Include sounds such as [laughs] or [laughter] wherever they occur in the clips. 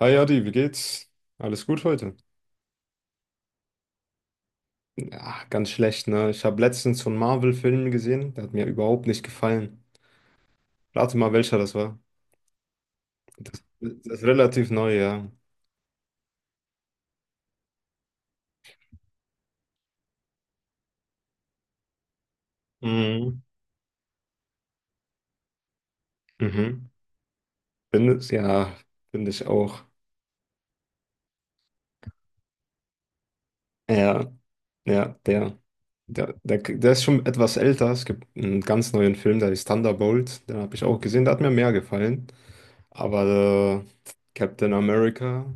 Hi Adi, wie geht's? Alles gut heute? Ja, ganz schlecht, ne? Ich habe letztens so einen Marvel-Film gesehen, der hat mir überhaupt nicht gefallen. Rate mal, welcher das war. Das ist relativ neu, ja. Mhm. Mhm. Finde es, ja, finde ich auch. Ja, ja, der ist schon etwas älter. Es gibt einen ganz neuen Film, der ist Thunderbolt. Den habe ich auch gesehen, der hat mir mehr gefallen. Aber Captain America,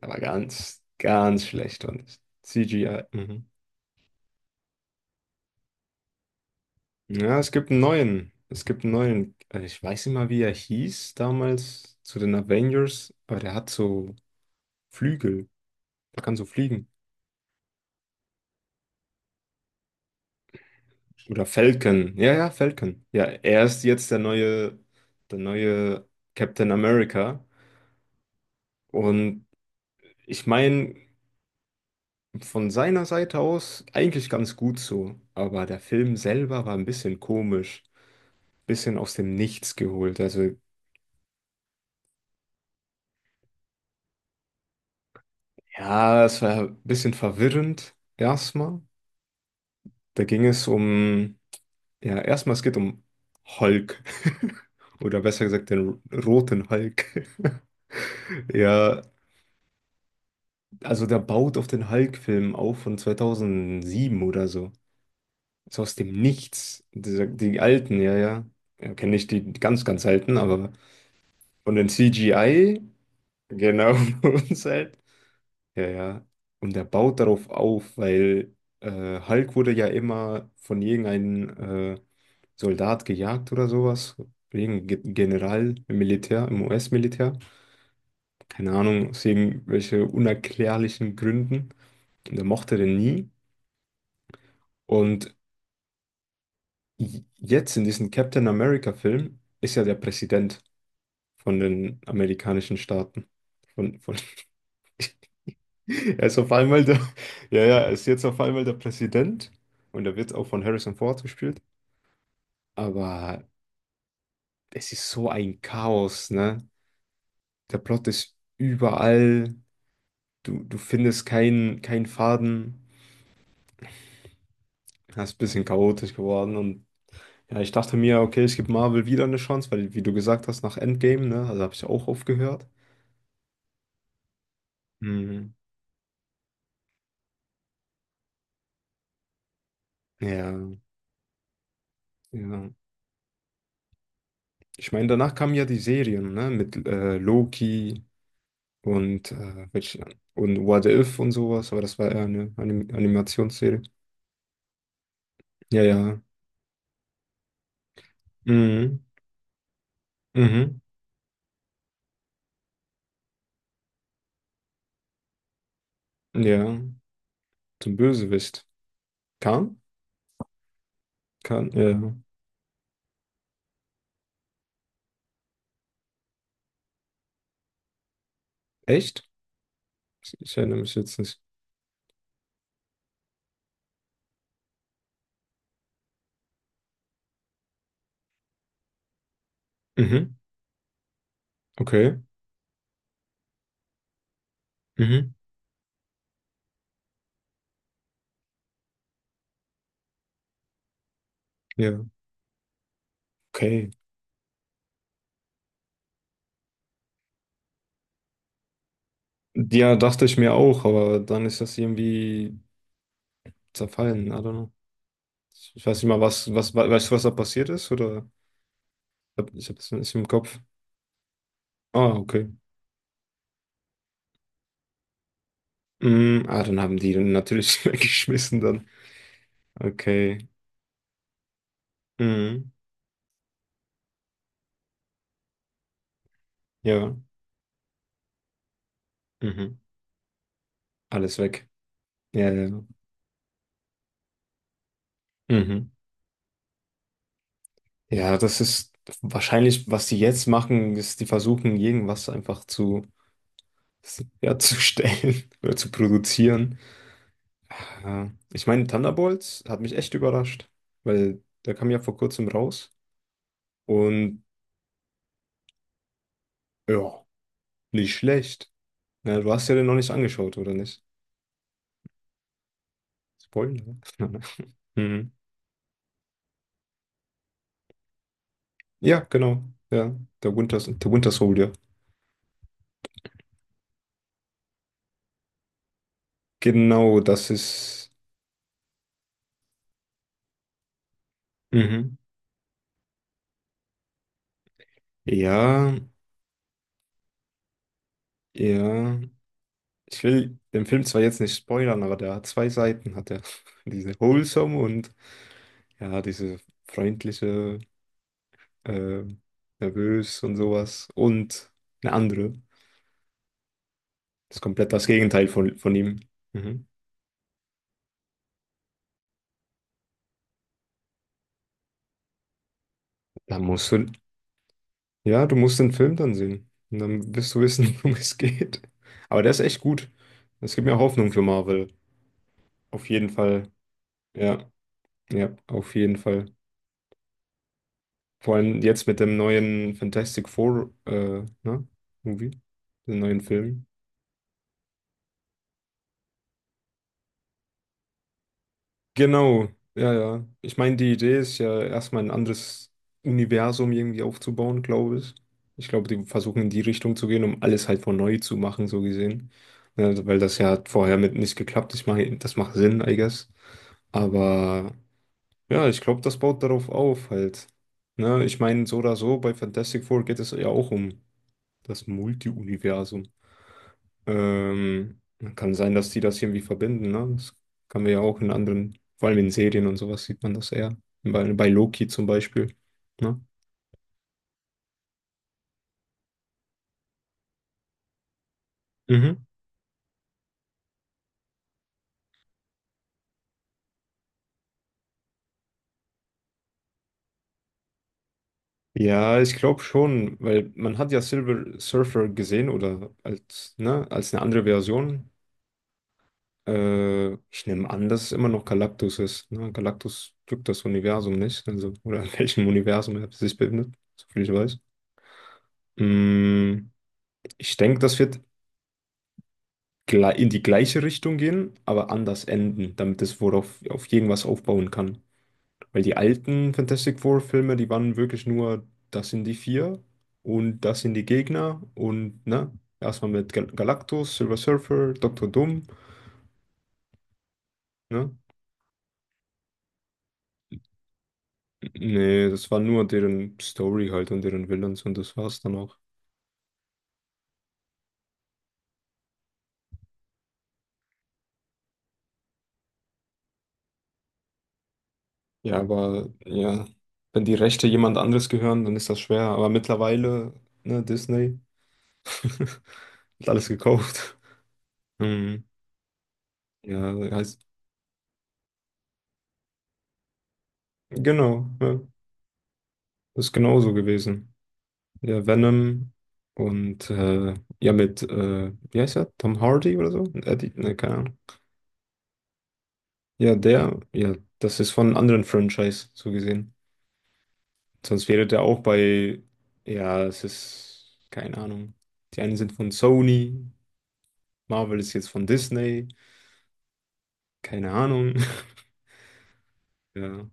der war ganz, ganz schlecht, fand ich. CGI. Ja, es gibt einen neuen. Es gibt einen neuen. Ich weiß nicht mal, wie er hieß damals zu den Avengers, aber der hat so Flügel. Der kann so fliegen. Oder Falcon. Ja, ja, Falcon. Ja, er ist jetzt der neue Captain America. Und ich meine, von seiner Seite aus eigentlich ganz gut so. Aber der Film selber war ein bisschen komisch. Bisschen aus dem Nichts geholt. Also, ja, es war ein bisschen verwirrend erstmal. Da ging es um, ja, erstmal es geht um Hulk. [laughs] Oder besser gesagt, den roten Hulk. [laughs] Ja, also der baut auf den Hulk-Film auf von 2007 oder so. So aus dem Nichts. Diese, die alten, ja, ja. Ja, kenne nicht die ganz, ganz alten, aber von den CGI, genau, [laughs] von uns halt. Ja, ja. Und er baut darauf auf, weil Hulk wurde ja immer von irgendeinem Soldat gejagt oder sowas. Irgendein General im Militär, im US-Militär. Keine Ahnung, aus irgendwelchen unerklärlichen Gründen. Und er mochte den nie. Und jetzt in diesem Captain America-Film ist ja der Präsident von den amerikanischen Staaten. Von [laughs] Er ist auf einmal der, [laughs] ja, ja, er ist jetzt auf einmal der Präsident und er wird auch von Harrison Ford gespielt. Aber es ist so ein Chaos, ne? Der Plot ist überall, du findest keinen Faden. Das ist ein bisschen chaotisch geworden und ja, ich dachte mir, okay, ich gebe Marvel wieder eine Chance, weil, wie du gesagt hast, nach Endgame, ne? Also habe ich auch aufgehört. Mhm. Ja, ja. Ich meine, danach kamen ja die Serien, ne? Mit Loki. Und, und What If und sowas, aber das war eher eine Animationsserie. Ja, ja. Mhm. Mhm. Ja, zum Bösewicht. Kann? Kann, ja. Echt? Ich erinnere mich jetzt nicht. Mhm. Okay. Mhm. Ja. Okay. Ja, dachte ich mir auch, aber dann ist das irgendwie zerfallen. I don't know. Ich weiß nicht mal, weißt du, was da passiert ist? Oder ich hab das nicht im Kopf. Ah, okay. Dann haben die den natürlich [laughs] weggeschmissen dann. Okay. Mhm. Ja. Mhm. Alles weg. Ja, ja, ja. Mhm. Ja, das ist wahrscheinlich, was die jetzt machen, ist, die versuchen, irgendwas einfach zu, ja, zu stellen [laughs] oder zu produzieren. Ich meine, Thunderbolts hat mich echt überrascht, weil der kam ja vor kurzem raus und ja, nicht schlecht. Ja, du hast ja den noch nicht angeschaut, oder nicht? Spoiler. [laughs] Mhm. Ja, genau. Ja, der Winter Soldier. Genau, das ist. Mhm. Ja, ja. Ich will den Film zwar jetzt nicht spoilern, aber der hat zwei Seiten, hat er. [laughs] Diese wholesome und ja, diese freundliche, äh, nervös und sowas. Und eine andere. Das ist komplett das Gegenteil von ihm. Mhm. Da musst du, ja, du musst den Film dann sehen. Und dann wirst du wissen, [laughs] worum es geht. Aber der ist echt gut. Das gibt mir Hoffnung für Marvel. Auf jeden Fall. Ja, ja, auf jeden Fall. Vor allem jetzt mit dem neuen Fantastic Four, ne? Movie, dem neuen Film. Genau, ja, ja. Ich meine, die Idee ist ja erstmal ein anderes Universum irgendwie aufzubauen, glaube ich. Ich glaube, die versuchen in die Richtung zu gehen, um alles halt von neu zu machen, so gesehen. Ne, weil das ja hat vorher mit nicht geklappt. Ich meine, das macht Sinn, I guess. Aber ja, ich glaube, das baut darauf auf halt. Ne, ich meine, so oder so, bei Fantastic Four geht es ja auch um das Multi-Universum. Ähm, Kann sein, dass die das irgendwie verbinden, ne? Das kann man ja auch in anderen, vor allem in Serien und sowas sieht man das eher. Bei Loki zum Beispiel, ne? Mhm. Ja, ich glaube schon, weil man hat ja Silver Surfer gesehen oder als, ne, als eine andere Version. Ich nehme an, dass es immer noch Galactus ist. Ne? Galactus drückt das Universum nicht, also oder [laughs] in welchem Universum er sich befindet, soviel ich weiß. Mm, ich denke, das wird in die gleiche Richtung gehen, aber anders enden, damit es worauf auf irgendwas aufbauen kann. Weil die alten Fantastic Four Filme, die waren wirklich nur, das sind die vier und das sind die Gegner und ne, erstmal mit Galactus, Silver Surfer, Dr. Doom, ne? Nee, das war nur deren Story halt und deren Villains und das war's dann auch. Ja, aber ja, wenn die Rechte jemand anderes gehören, dann ist das schwer. Aber mittlerweile, ne, Disney [laughs] hat alles gekauft. Ja, heißt, genau, ja, ist genauso gewesen. Ja, Venom und ja, mit, wie heißt er? Tom Hardy oder so? Eddie, ne, keine Ahnung. Ja, der, ja, das ist von einem anderen Franchise so gesehen. Sonst wäre der auch bei, ja, es ist, keine Ahnung. Die einen sind von Sony, Marvel ist jetzt von Disney, keine Ahnung. [laughs] Ja,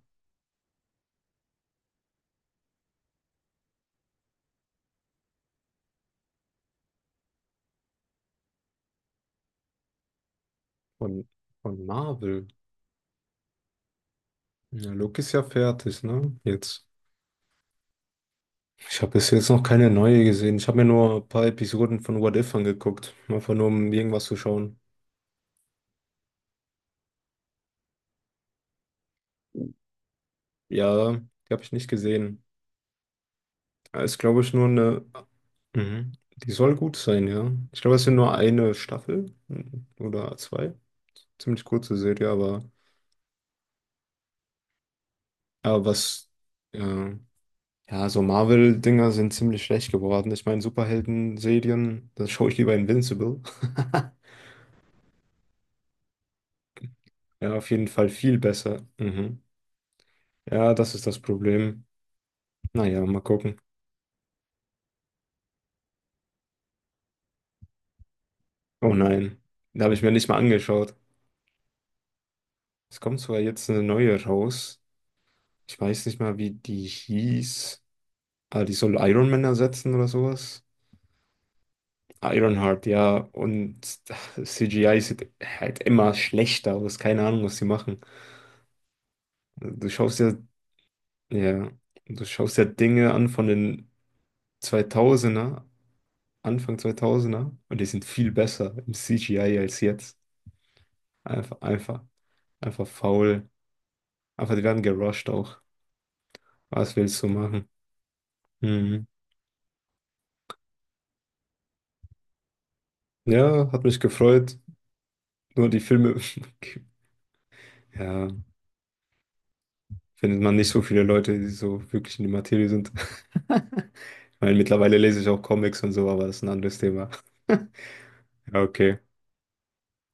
von, von Marvel. Ja, Luke ist ja fertig, ne? Jetzt. Ich habe bis jetzt noch keine neue gesehen. Ich habe mir nur ein paar Episoden von What If angeguckt. Einfach nur, um irgendwas zu schauen. Ja, die habe ich nicht gesehen. Aber ist, glaube ich, nur eine. Mhm. Die soll gut sein, ja. Ich glaube, es sind nur eine Staffel mhm, oder zwei. Ziemlich kurze Serie, aber. Aber was. Ja, ja, so Marvel-Dinger sind ziemlich schlecht geworden. Ich meine, Superhelden-Serien, das schaue ich lieber Invincible. [laughs] Ja, auf jeden Fall viel besser. Mhm. Ja, das ist das Problem. Naja, mal gucken. Oh nein, da habe ich mir nicht mal angeschaut. Es kommt sogar jetzt eine neue raus. Ich weiß nicht mal, wie die hieß. Ah, die soll Iron Man ersetzen oder sowas. Ironheart, ja. Und [laughs] CGI sieht halt immer schlechter aus. Keine Ahnung, was sie machen. Du schaust ja, ja, du schaust ja Dinge an von den 2000, Anfang 2000, und die sind viel besser im CGI als jetzt. Einfach, einfach, einfach faul. Einfach, die werden gerusht auch. Was willst du machen? Mhm. Ja, hat mich gefreut. Nur die Filme, [laughs] ja, findet man nicht so viele Leute, die so wirklich in die Materie sind. [laughs] Ich meine, mittlerweile lese ich auch Comics und so, aber das ist ein anderes Thema. [laughs] Ja, okay.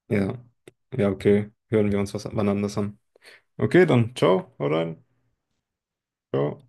Ja. Ja, okay. Hören wir uns was wann anders an. Okay, dann ciao. Hau rein. Ciao.